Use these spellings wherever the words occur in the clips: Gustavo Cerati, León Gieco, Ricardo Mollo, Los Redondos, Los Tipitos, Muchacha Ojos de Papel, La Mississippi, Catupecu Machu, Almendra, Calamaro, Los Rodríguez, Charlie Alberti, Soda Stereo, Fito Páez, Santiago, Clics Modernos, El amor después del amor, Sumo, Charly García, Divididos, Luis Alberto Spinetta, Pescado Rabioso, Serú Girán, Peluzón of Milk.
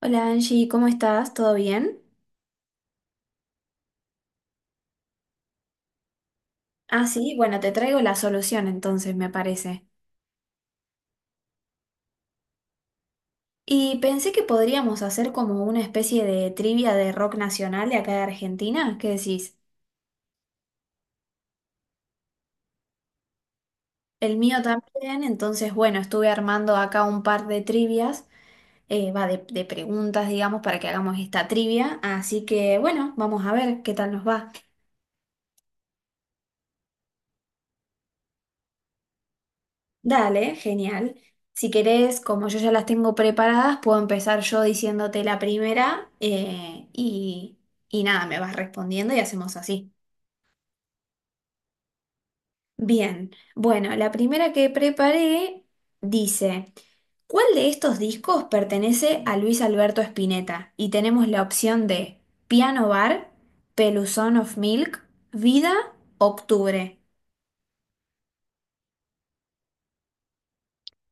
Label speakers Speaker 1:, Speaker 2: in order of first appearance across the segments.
Speaker 1: Hola Angie, ¿cómo estás? ¿Todo bien? Ah, sí, bueno, te traigo la solución entonces, me parece. Y pensé que podríamos hacer como una especie de trivia de rock nacional de acá de Argentina. ¿Qué decís? El mío también, entonces, bueno, estuve armando acá un par de trivias, va de preguntas, digamos, para que hagamos esta trivia. Así que, bueno, vamos a ver qué tal nos va. Dale, genial. Si querés, como yo ya las tengo preparadas, puedo empezar yo diciéndote la primera y nada, me vas respondiendo y hacemos así. Bien, bueno, la primera que preparé dice, ¿cuál de estos discos pertenece a Luis Alberto Spinetta? Y tenemos la opción de Piano Bar, Peluzón of Milk, Vida, Octubre.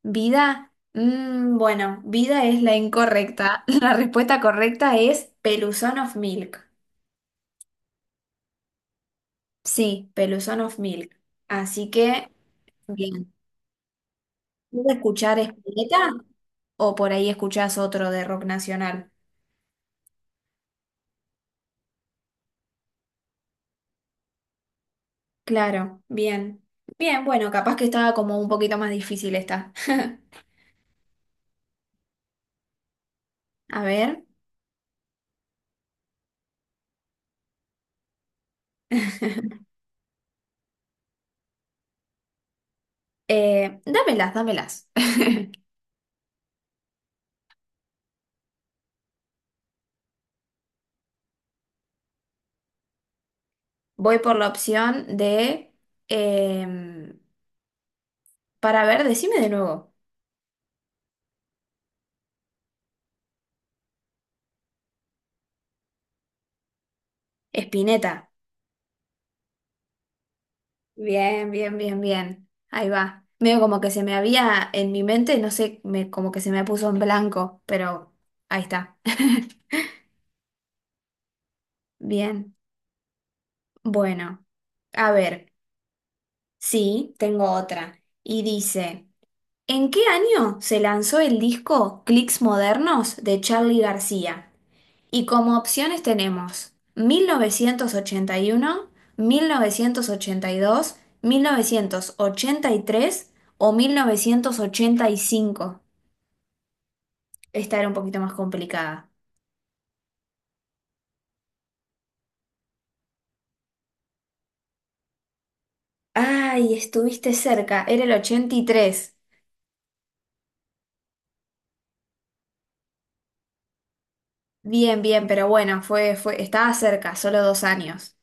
Speaker 1: Vida, bueno, vida es la incorrecta. La respuesta correcta es Peluzón of Milk. Sí, Peluzón of Milk. Así que, bien. ¿Puedes escuchar Spinetta o por ahí escuchás otro de rock nacional? Claro, bien. Bien, bueno, capaz que estaba como un poquito más difícil esta. A ver, dámelas, dámelas. Voy por la opción de em, para ver, decime de nuevo. Spinetta. Bien, bien, bien, bien. Ahí va. Medio como que se me había en mi mente, no sé, me, como que se me puso en blanco, pero ahí está. Bien. Bueno, a ver, sí, tengo otra. Y dice, ¿en qué año se lanzó el disco Clics Modernos de Charly García? Y como opciones tenemos mil novecientos ochenta y uno, dos, 1983 o 1985. Esta era un poquito más complicada. Ay, estuviste cerca, era el 83. Bien, bien, pero bueno, estaba cerca, solo 2 años.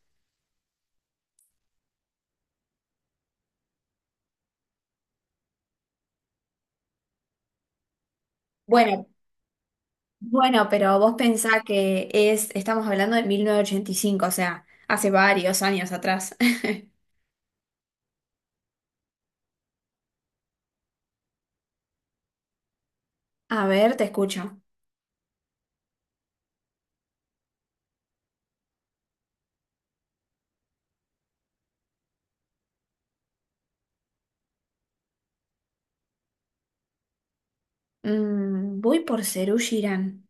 Speaker 1: Bueno, bueno, pero vos pensá que es, estamos hablando de 1985. O sea, hace varios años atrás. A ver, te escucho. Voy por Serú Girán.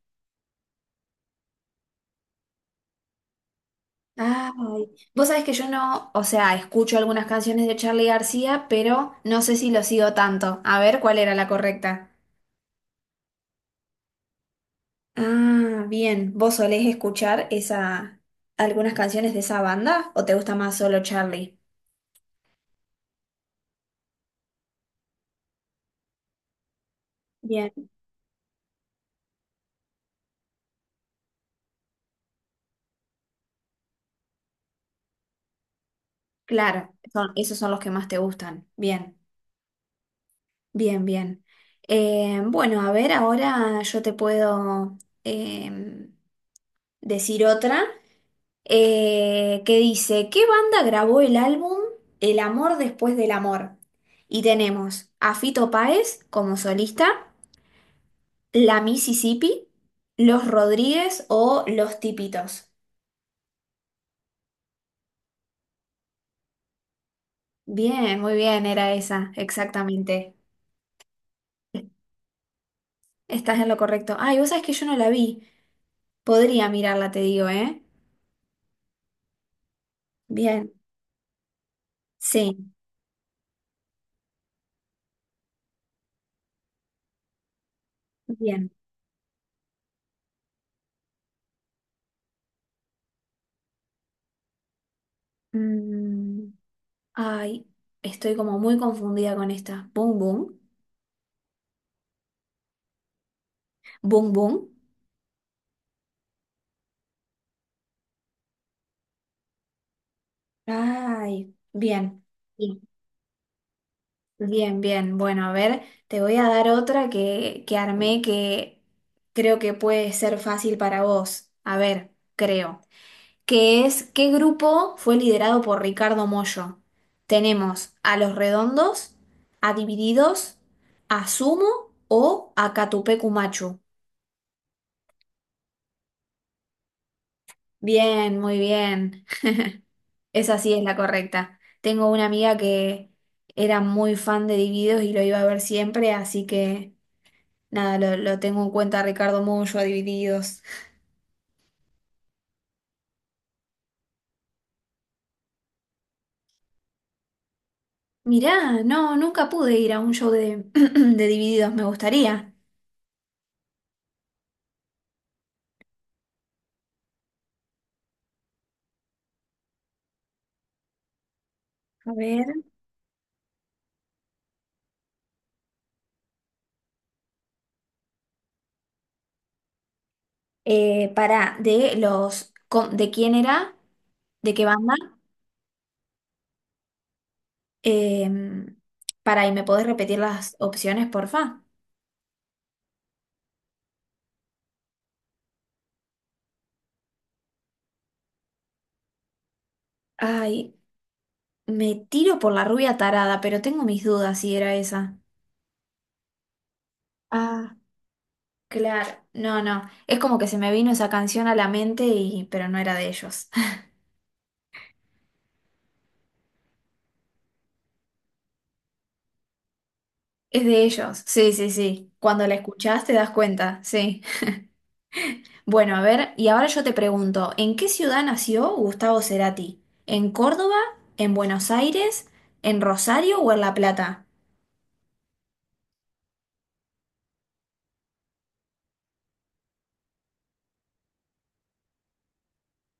Speaker 1: Ay, vos sabés que yo no, o sea, escucho algunas canciones de Charly García, pero no sé si lo sigo tanto. A ver cuál era la correcta. Ah, bien. ¿Vos solés escuchar esa algunas canciones de esa banda o te gusta más solo Charlie? Bien. Claro, son, esos son los que más te gustan. Bien, bien, bien. Bueno, a ver, ahora yo te puedo em, decir otra. Eh, que dice, ¿qué banda grabó el álbum El amor después del amor? Y tenemos a Fito Páez como solista, La Mississippi, Los Rodríguez o Los Tipitos. Bien, muy bien, era esa, exactamente. Estás en lo correcto. Ay, vos sabés que yo no la vi. Podría mirarla, te digo, ¿eh? Bien, sí, bien. Mm, ay, estoy como muy confundida con esta. Boom, boom. Boom, boom. Ay, bien, bien, bien, bien. Bueno, a ver, te voy a dar otra que armé que creo que puede ser fácil para vos. A ver, creo. Que es, ¿qué grupo fue liderado por Ricardo Mollo? Tenemos a Los Redondos, a Divididos, a Sumo o a Catupecu Machu. Bien, muy bien. Esa sí es la correcta. Tengo una amiga que era muy fan de Divididos y lo iba a ver siempre, así que nada, lo tengo en cuenta Ricardo Mollo, a Divididos. Mirá, no, nunca pude ir a un show de, de Divididos, me gustaría. A ver. Para, de los, ¿de quién era? ¿De qué banda? Em, para, ¿y me podés repetir las opciones, porfa? Ay, me tiro por la rubia tarada, pero tengo mis dudas si era esa. Ah. Claro, no, no. Es como que se me vino esa canción a la mente y, pero no era de ellos. Es de ellos, sí, sí, sí. Cuando la escuchás te das cuenta, sí. Bueno, a ver, y ahora yo te pregunto, ¿en qué ciudad nació Gustavo Cerati? ¿En Córdoba, en Buenos Aires, en Rosario o en La Plata?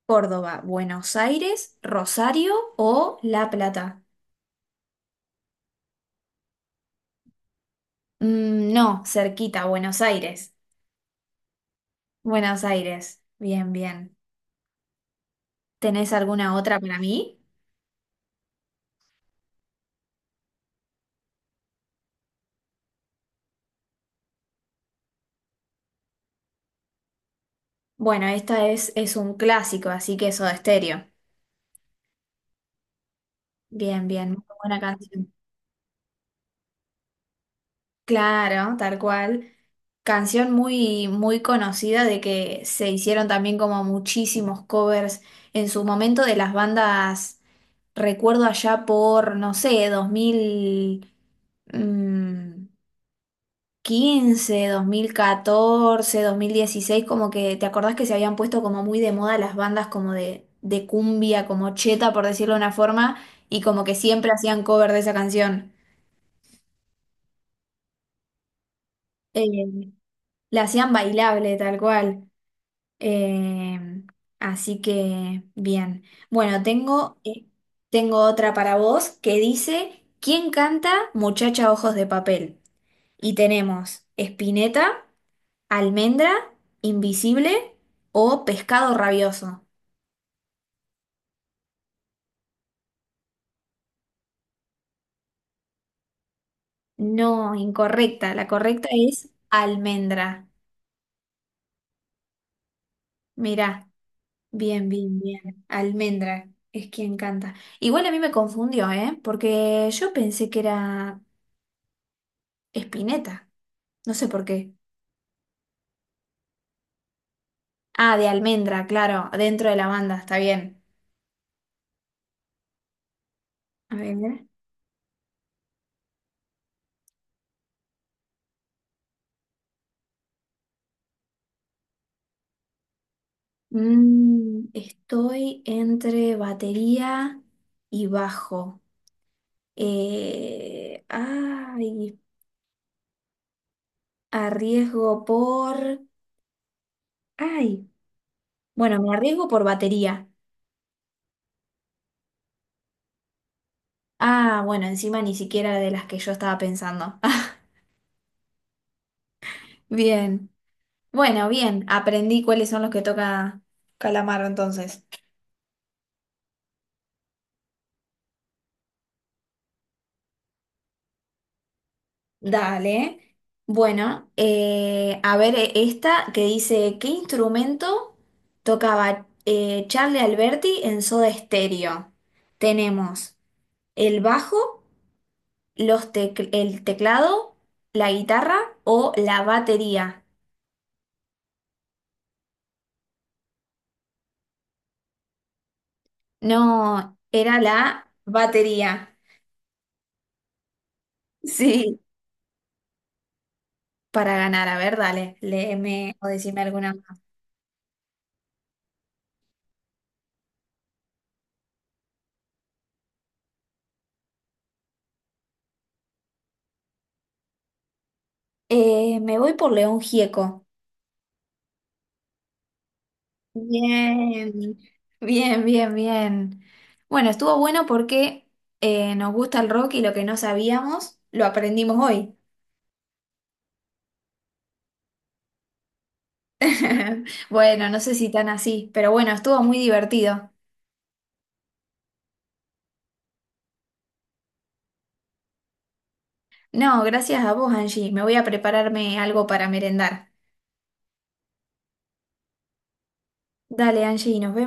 Speaker 1: Córdoba, Buenos Aires, Rosario o La Plata. No, cerquita, Buenos Aires. Buenos Aires. Bien, bien. ¿Tenés alguna otra para mí? Bueno, esta es un clásico, así que Soda Stereo. Bien, bien, muy buena canción. Claro, tal cual. Canción muy, muy conocida de que se hicieron también como muchísimos covers en su momento de las bandas, recuerdo allá por, no sé, dos mil mm, quince, 2014, 2016, como que te acordás que se habían puesto como muy de moda las bandas como de cumbia, como cheta, por decirlo de una forma, y como que siempre hacían cover de esa canción. Eh, la hacían bailable, tal cual. Eh, así que, bien. Bueno, tengo, tengo otra para vos que dice, ¿quién canta Muchacha Ojos de Papel? Y tenemos Spinetta, Almendra, Invisible o Pescado Rabioso. No, incorrecta. La correcta es almendra. Mirá, bien, bien, bien. Almendra es quien canta. Igual a mí me confundió, ¿eh? Porque yo pensé que era Espineta. No sé por qué. Ah, de almendra, claro, dentro de la banda, está bien. A ver. Estoy entre batería y bajo. Ay, arriesgo por... Ay, bueno, me arriesgo por batería. Ah, bueno, encima ni siquiera de las que yo estaba pensando. Bien. Bueno, bien, aprendí cuáles son los que toca Calamaro entonces. Dale. Bueno, a ver esta que dice, ¿qué instrumento tocaba Charlie Alberti en Soda Stereo? Tenemos el bajo, los el teclado, la guitarra o la batería. No, era la batería. Sí, para ganar. A ver, dale, léeme o decime alguna más. Me voy por León Gieco. Bien, bien, bien, bien. Bueno, estuvo bueno porque nos gusta el rock y lo que no sabíamos lo aprendimos hoy. Bueno, no sé si tan así, pero bueno, estuvo muy divertido. No, gracias a vos, Angie. Me voy a prepararme algo para merendar. Dale, Angie, nos vemos.